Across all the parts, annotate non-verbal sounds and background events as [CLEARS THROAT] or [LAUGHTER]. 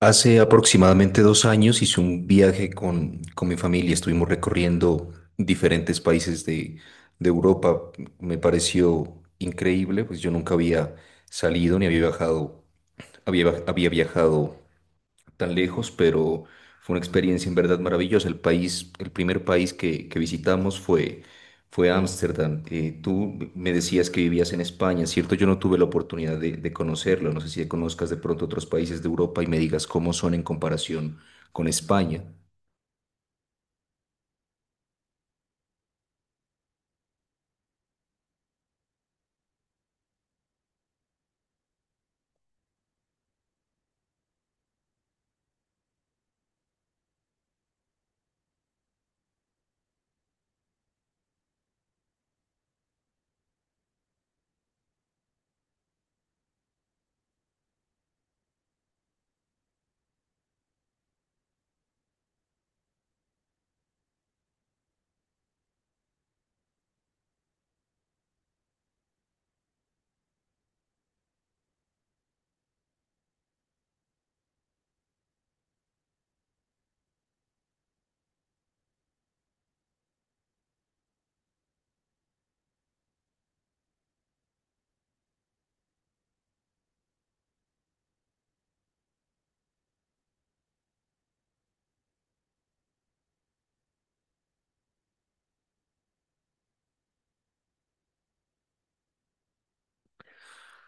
Hace aproximadamente 2 años hice un viaje con mi familia. Estuvimos recorriendo diferentes países de Europa. Me pareció increíble, pues yo nunca había salido ni había había viajado tan lejos, pero fue una experiencia en verdad maravillosa. El país, el primer país que visitamos fue Ámsterdam. Tú me decías que vivías en España, ¿cierto? Yo no tuve la oportunidad de conocerlo. No sé si conozcas de pronto otros países de Europa y me digas cómo son en comparación con España.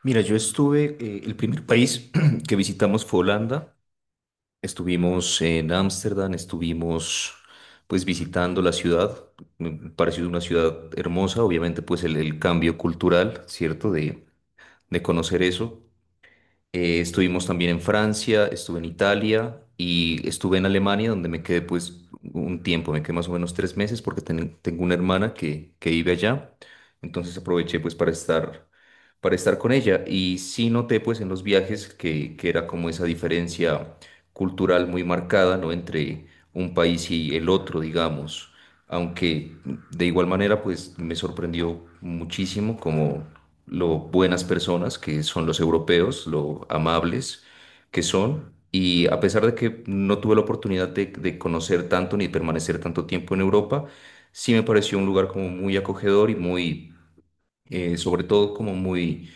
Mira, yo estuve, el primer país [CLEARS THROAT] que visitamos fue Holanda. Estuvimos en Ámsterdam, estuvimos pues visitando la ciudad, me pareció una ciudad hermosa, obviamente pues el cambio cultural, ¿cierto? De conocer eso. Estuvimos también en Francia, estuve en Italia y estuve en Alemania donde me quedé pues un tiempo, me quedé más o menos 3 meses porque tengo una hermana que vive allá, entonces aproveché pues para estar con ella y sí noté pues en los viajes que era como esa diferencia cultural muy marcada, ¿no? Entre un país y el otro, digamos. Aunque de igual manera, pues me sorprendió muchísimo como lo buenas personas que son los europeos, lo amables que son. Y a pesar de que no tuve la oportunidad de conocer tanto ni permanecer tanto tiempo en Europa, sí me pareció un lugar como muy acogedor y sobre todo como muy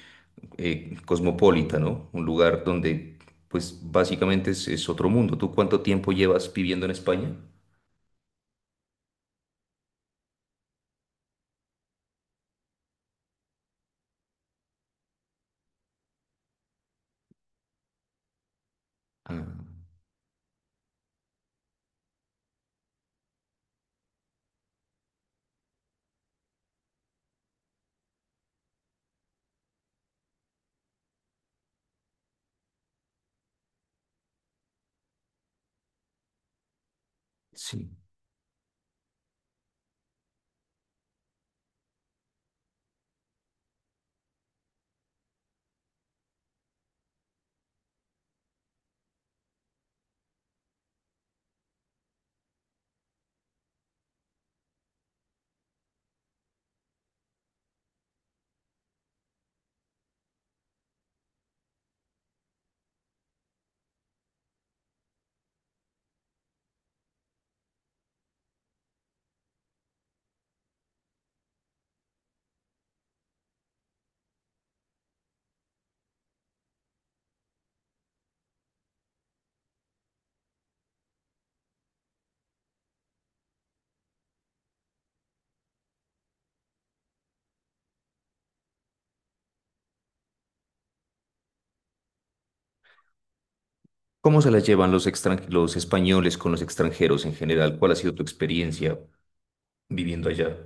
eh, cosmopolita, ¿no? Un lugar donde, pues, básicamente es otro mundo. ¿Tú cuánto tiempo llevas viviendo en España? Ah, sí. ¿Cómo se las llevan los los españoles con los extranjeros en general? ¿Cuál ha sido tu experiencia viviendo allá?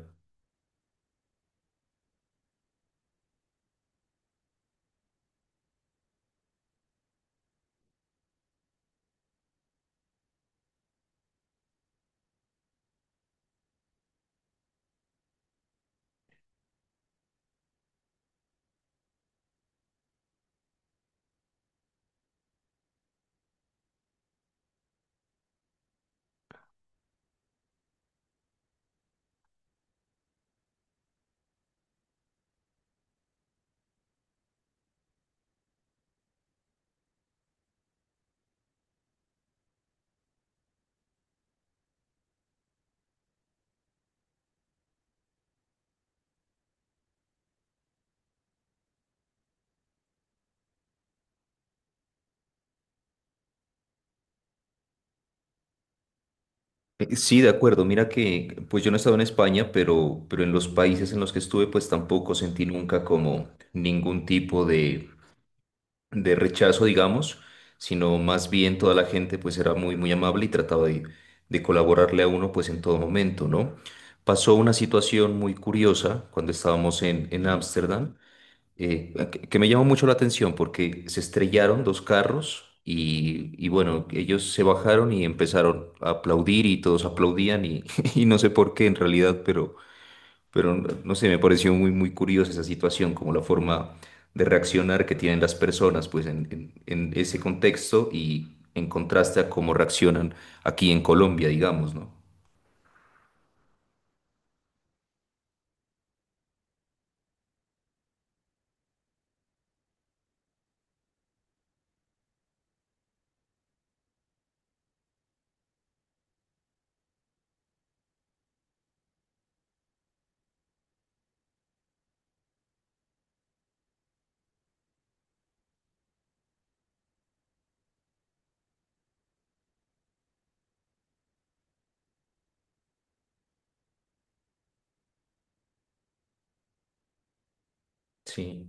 Sí, de acuerdo. Mira que, pues yo no he estado en España, pero en los países en los que estuve, pues tampoco sentí nunca como ningún tipo de rechazo, digamos, sino más bien toda la gente pues era muy amable y trataba de colaborarle a uno pues en todo momento, ¿no? Pasó una situación muy curiosa cuando estábamos en Ámsterdam, que me llamó mucho la atención porque se estrellaron dos carros. Y bueno, ellos se bajaron y empezaron a aplaudir y todos aplaudían y, [LAUGHS] y no sé por qué en realidad, pero no sé, me pareció muy curiosa esa situación, como la forma de reaccionar que tienen las personas, pues en, en ese contexto y en contraste a cómo reaccionan aquí en Colombia, digamos, ¿no? Sí.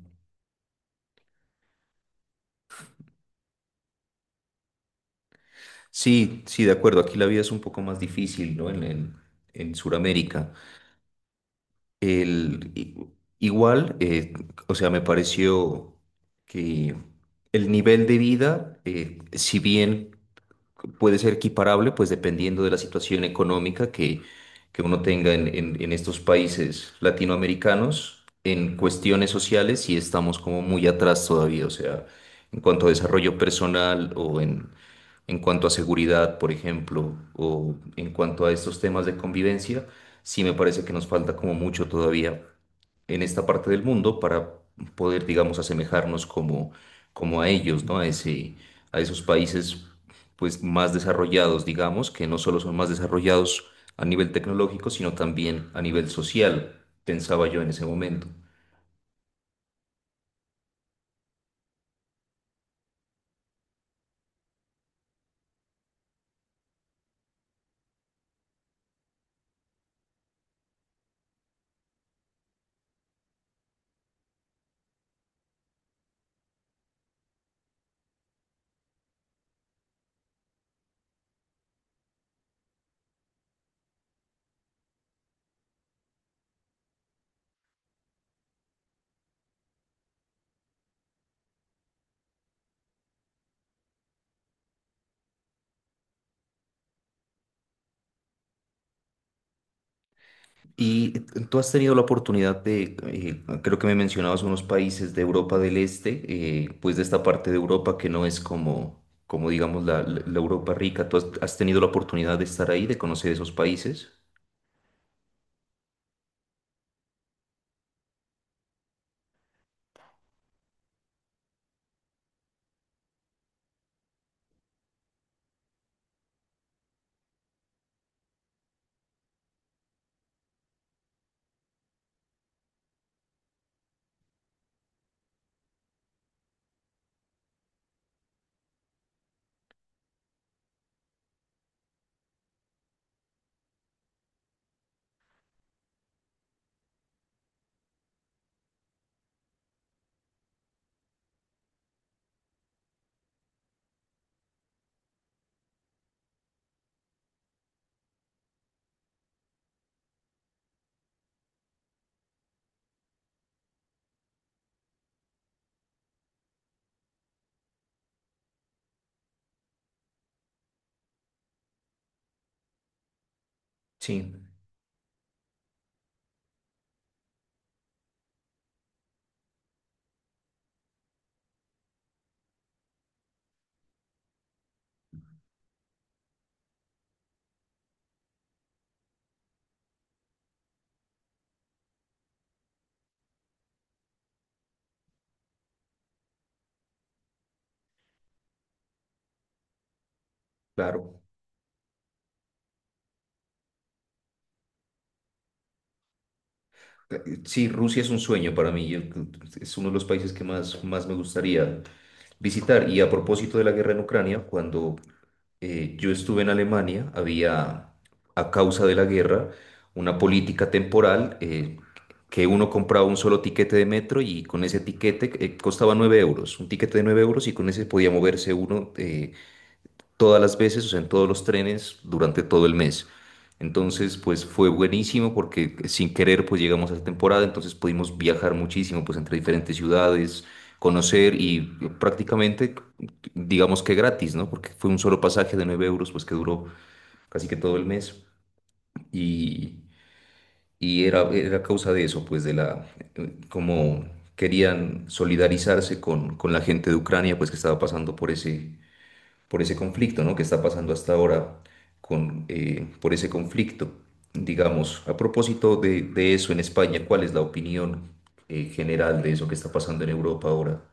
Sí, sí, de acuerdo. Aquí la vida es un poco más difícil, ¿no? En Sudamérica. El, i- igual, o sea, me pareció que el nivel de vida, si bien puede ser equiparable, pues dependiendo de la situación económica que uno tenga en, en estos países latinoamericanos. En cuestiones sociales sí estamos como muy atrás todavía, o sea, en cuanto a desarrollo personal o en cuanto a seguridad, por ejemplo, o en cuanto a estos temas de convivencia, sí me parece que nos falta como mucho todavía en esta parte del mundo para poder, digamos, asemejarnos como, como a ellos, ¿no? A ese, a esos países, pues, más desarrollados, digamos, que no solo son más desarrollados a nivel tecnológico, sino también a nivel social, pensaba yo en ese momento. Y tú has tenido la oportunidad de creo que me mencionabas unos países de Europa del Este, pues de esta parte de Europa que no es como, como digamos la Europa rica. ¿Tú has tenido la oportunidad de estar ahí, de conocer esos países? Sí. Claro. Sí, Rusia es un sueño para mí. Es uno de los países que más me gustaría visitar. Y a propósito de la guerra en Ucrania, cuando yo estuve en Alemania, había, a causa de la guerra, una política temporal que uno compraba un solo tiquete de metro y con ese tiquete costaba 9 euros. Un tiquete de 9 euros y con ese podía moverse uno, todas las veces, o sea, en todos los trenes durante todo el mes. Entonces, pues fue buenísimo porque sin querer, pues llegamos a esa temporada, entonces pudimos viajar muchísimo, pues entre diferentes ciudades, conocer y prácticamente, digamos que gratis, ¿no? Porque fue un solo pasaje de 9 euros, pues que duró casi que todo el mes. Y, y era, era causa de eso, pues de la, como querían solidarizarse con la gente de Ucrania, pues que estaba pasando por ese conflicto, ¿no? Que está pasando hasta ahora con, por ese conflicto. Digamos, a propósito de eso en España, ¿cuál es la opinión general de eso que está pasando en Europa ahora?